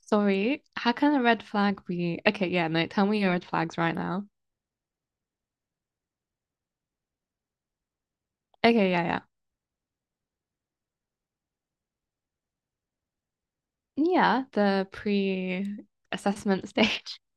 Sorry, how can a red flag be? Okay, yeah, no, tell me your red flags right now. Okay, yeah, yeah. Yeah, the pre-assessment stage.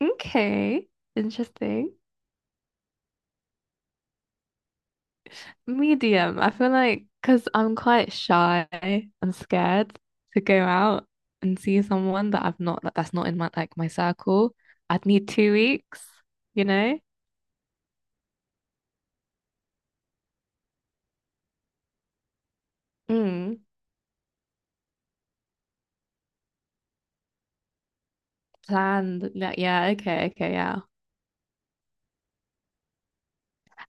Okay, interesting. Medium. I feel like because I'm quite shy and scared to go out and see someone that I've not like that's not in my like my circle. I'd need 2 weeks, you know? Mm. Planned. Like, yeah, okay, okay, yeah.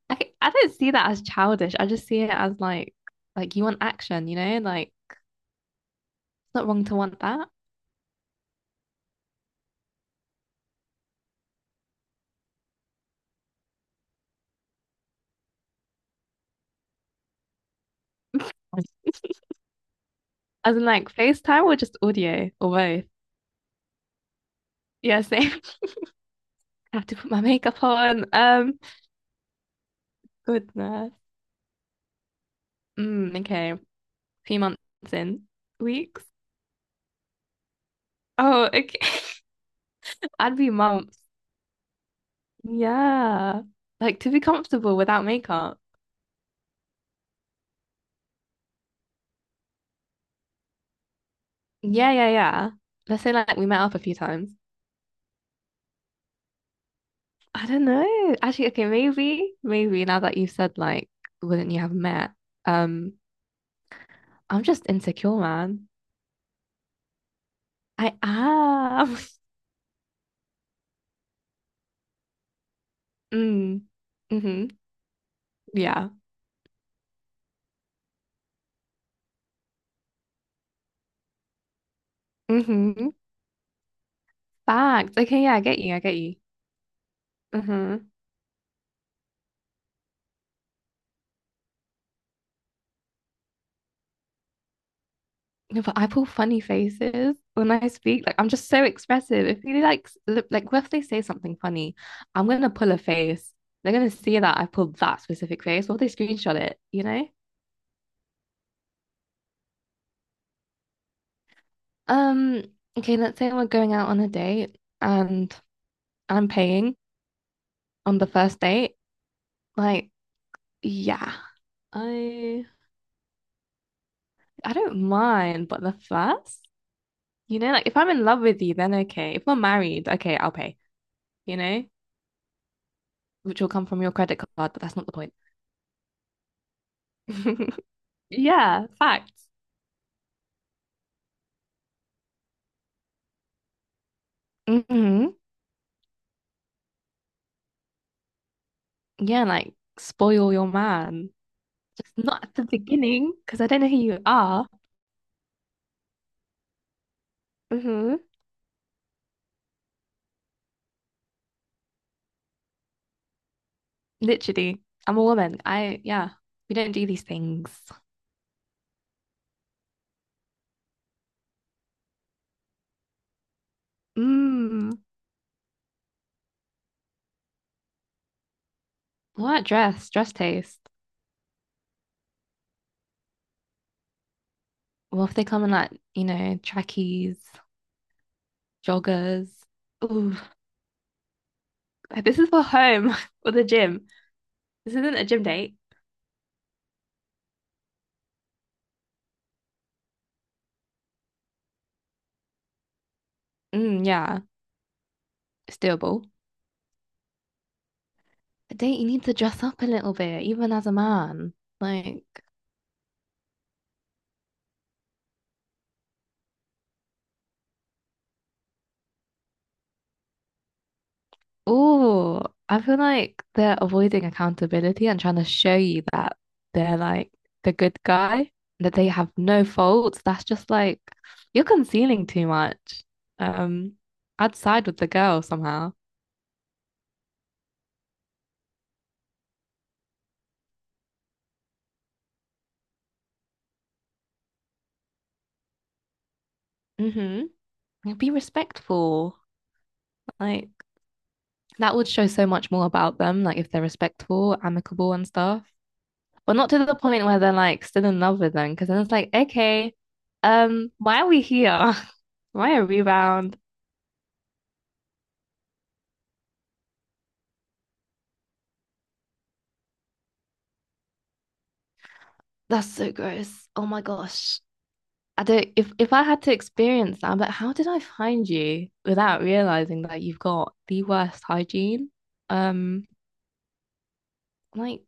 I don't see that as childish. I just see it as like you want action, you know? Like it's not wrong to want that. As in like FaceTime or just audio or both. Yeah, same. I have to put my makeup on. Goodness. Mm, okay. A few months in. Weeks. Oh, okay. I'd be months. Yeah. Like to be comfortable without makeup. Yeah, yeah, yeah. Let's say like we met up a few times. I don't know. Actually, okay, maybe now that you've said like, wouldn't you have met? Um, I'm just insecure, man. I am. Mm, mm-hmm. Yeah. Mm-hmm. Facts. Okay, yeah, I get you. I get you. Mm-hmm. No, but I pull funny faces when I speak. Like, I'm just so expressive. If you like, look, like, what if they say something funny? I'm gonna pull a face. They're gonna see that I pulled that specific face. What if they screenshot it? You know? Um, okay, let's say we're going out on a date and I'm paying on the first date. Like, yeah, I I don't mind, but the first, you know, like if I'm in love with you, then okay. If we're married, okay, I'll pay, you know, which will come from your credit card, but that's not the point. Yeah, facts. Hmm. Yeah, like spoil your man. Just not at the beginning, because I don't know who you are. Hmm. Literally, I'm a woman. Yeah, we don't do these things. Mm, what dress? Dress taste. Well, if they come in like, trackies, joggers. Ooh, this is for home or the gym. This isn't a gym date. Mm, yeah, it's doable. A date, you need to dress up a little bit, even as a man. Like, oh, I feel like they're avoiding accountability and trying to show you that they're like the good guy, that they have no faults. That's just like you're concealing too much. Um, I'd side with the girl somehow. Mm-hmm. Be respectful. Like that would show so much more about them, like if they're respectful, amicable and stuff. But not to the point where they're like still in love with them, because then it's like, okay, why are we here? Why a rebound? That's so gross. Oh my gosh. I don't if I had to experience that, I'm like, how did I find you without realizing that you've got the worst hygiene? Um, like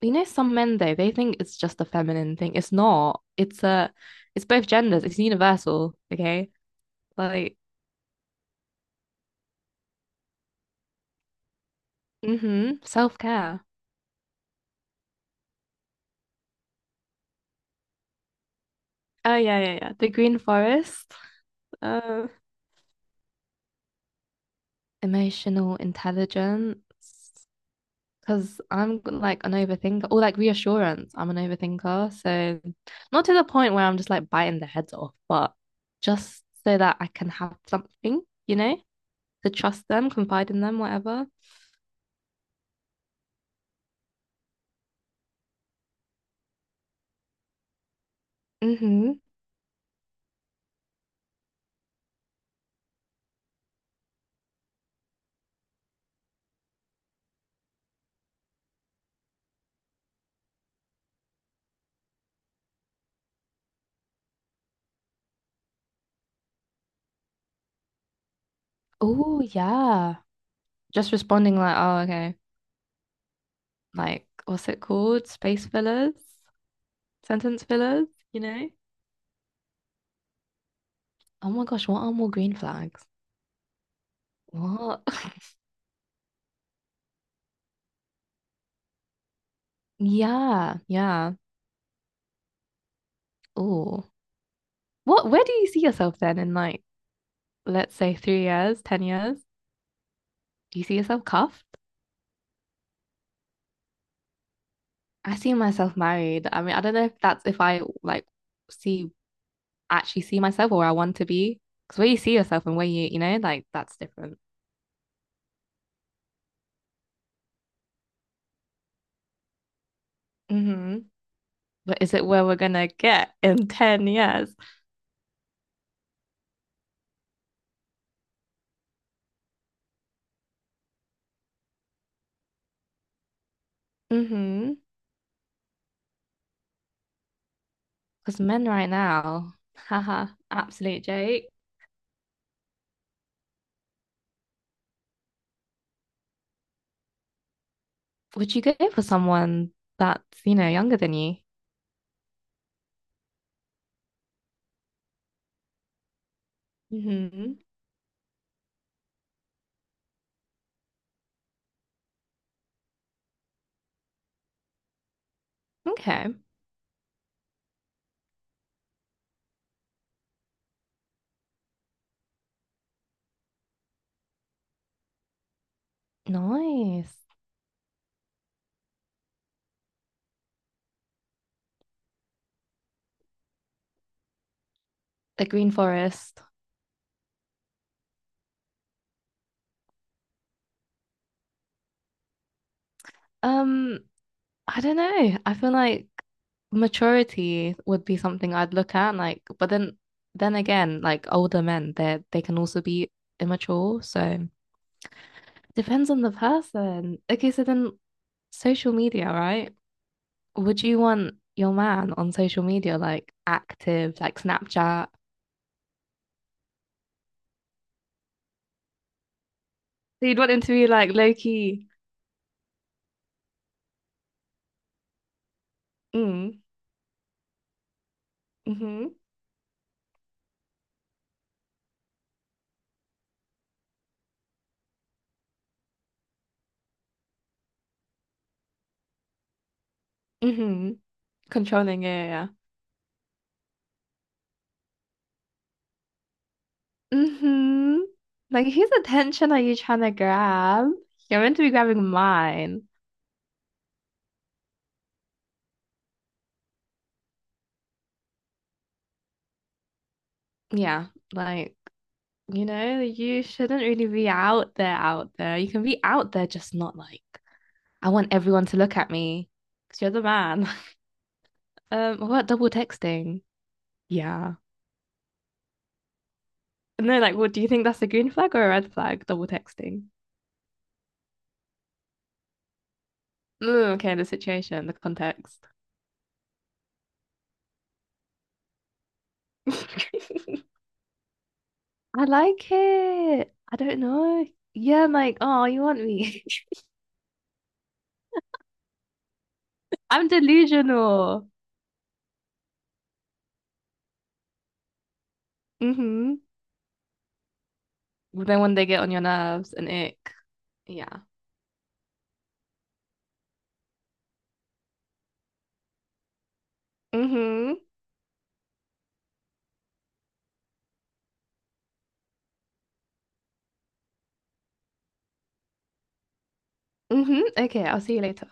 some men though, they think it's just a feminine thing. It's not. It's both genders, it's universal, okay? Like, mm-hmm, self-care. Oh yeah, yeah, yeah. The Green Forest. Uh, emotional intelligence. Because I'm like an overthinker or like reassurance. I'm an overthinker. So, not to the point where I'm just like biting their heads off, but just so that I can have something, you know, to trust them, confide in them, whatever. Mm-hmm. Oh, yeah. Just responding like, oh, okay. Like, what's it called? Space fillers, sentence fillers, you know? Oh my gosh, what are more green flags? What? Yeah, yeah. Oh. Where do you see yourself then in like let's say 3 years, 10 years, do you see yourself cuffed? I see myself married. I mean, I don't know if that's if I like see actually see myself or where I want to be. Because where you see yourself and where you, like that's different. Hmm. But is it where we're gonna get in 10 years? Hmm. Because men right now, haha, absolute joke. Would you go for someone that's, younger than you? Hmm. Okay. Nice. The Green Forest. Um, I don't know. I feel like maturity would be something I'd look at, like, but then again, like older men, they can also be immature, so depends on the person. Okay, so then social media, right? Would you want your man on social media like active, like Snapchat? So you'd want him to be like low key, mm, mm-hmm, mm-hmm, controlling, yeah, yeah, yeah. Mm-hmm. Like, whose attention are you trying to grab? You're meant to be grabbing mine. Yeah, like, you shouldn't really be out there, out there. You can be out there, just not like, I want everyone to look at me because you're the man. What about double texting? Yeah. No, like, what do you think, that's a green flag or a red flag? Double texting. Mm, okay, the situation, the context. I like it. I don't know. Yeah, I'm like, oh, you want me? I'm delusional. Mm-hmm. Then when they get on your nerves and ick, yeah. Mm-hmm. Mm-hmm. Okay, I'll see you later.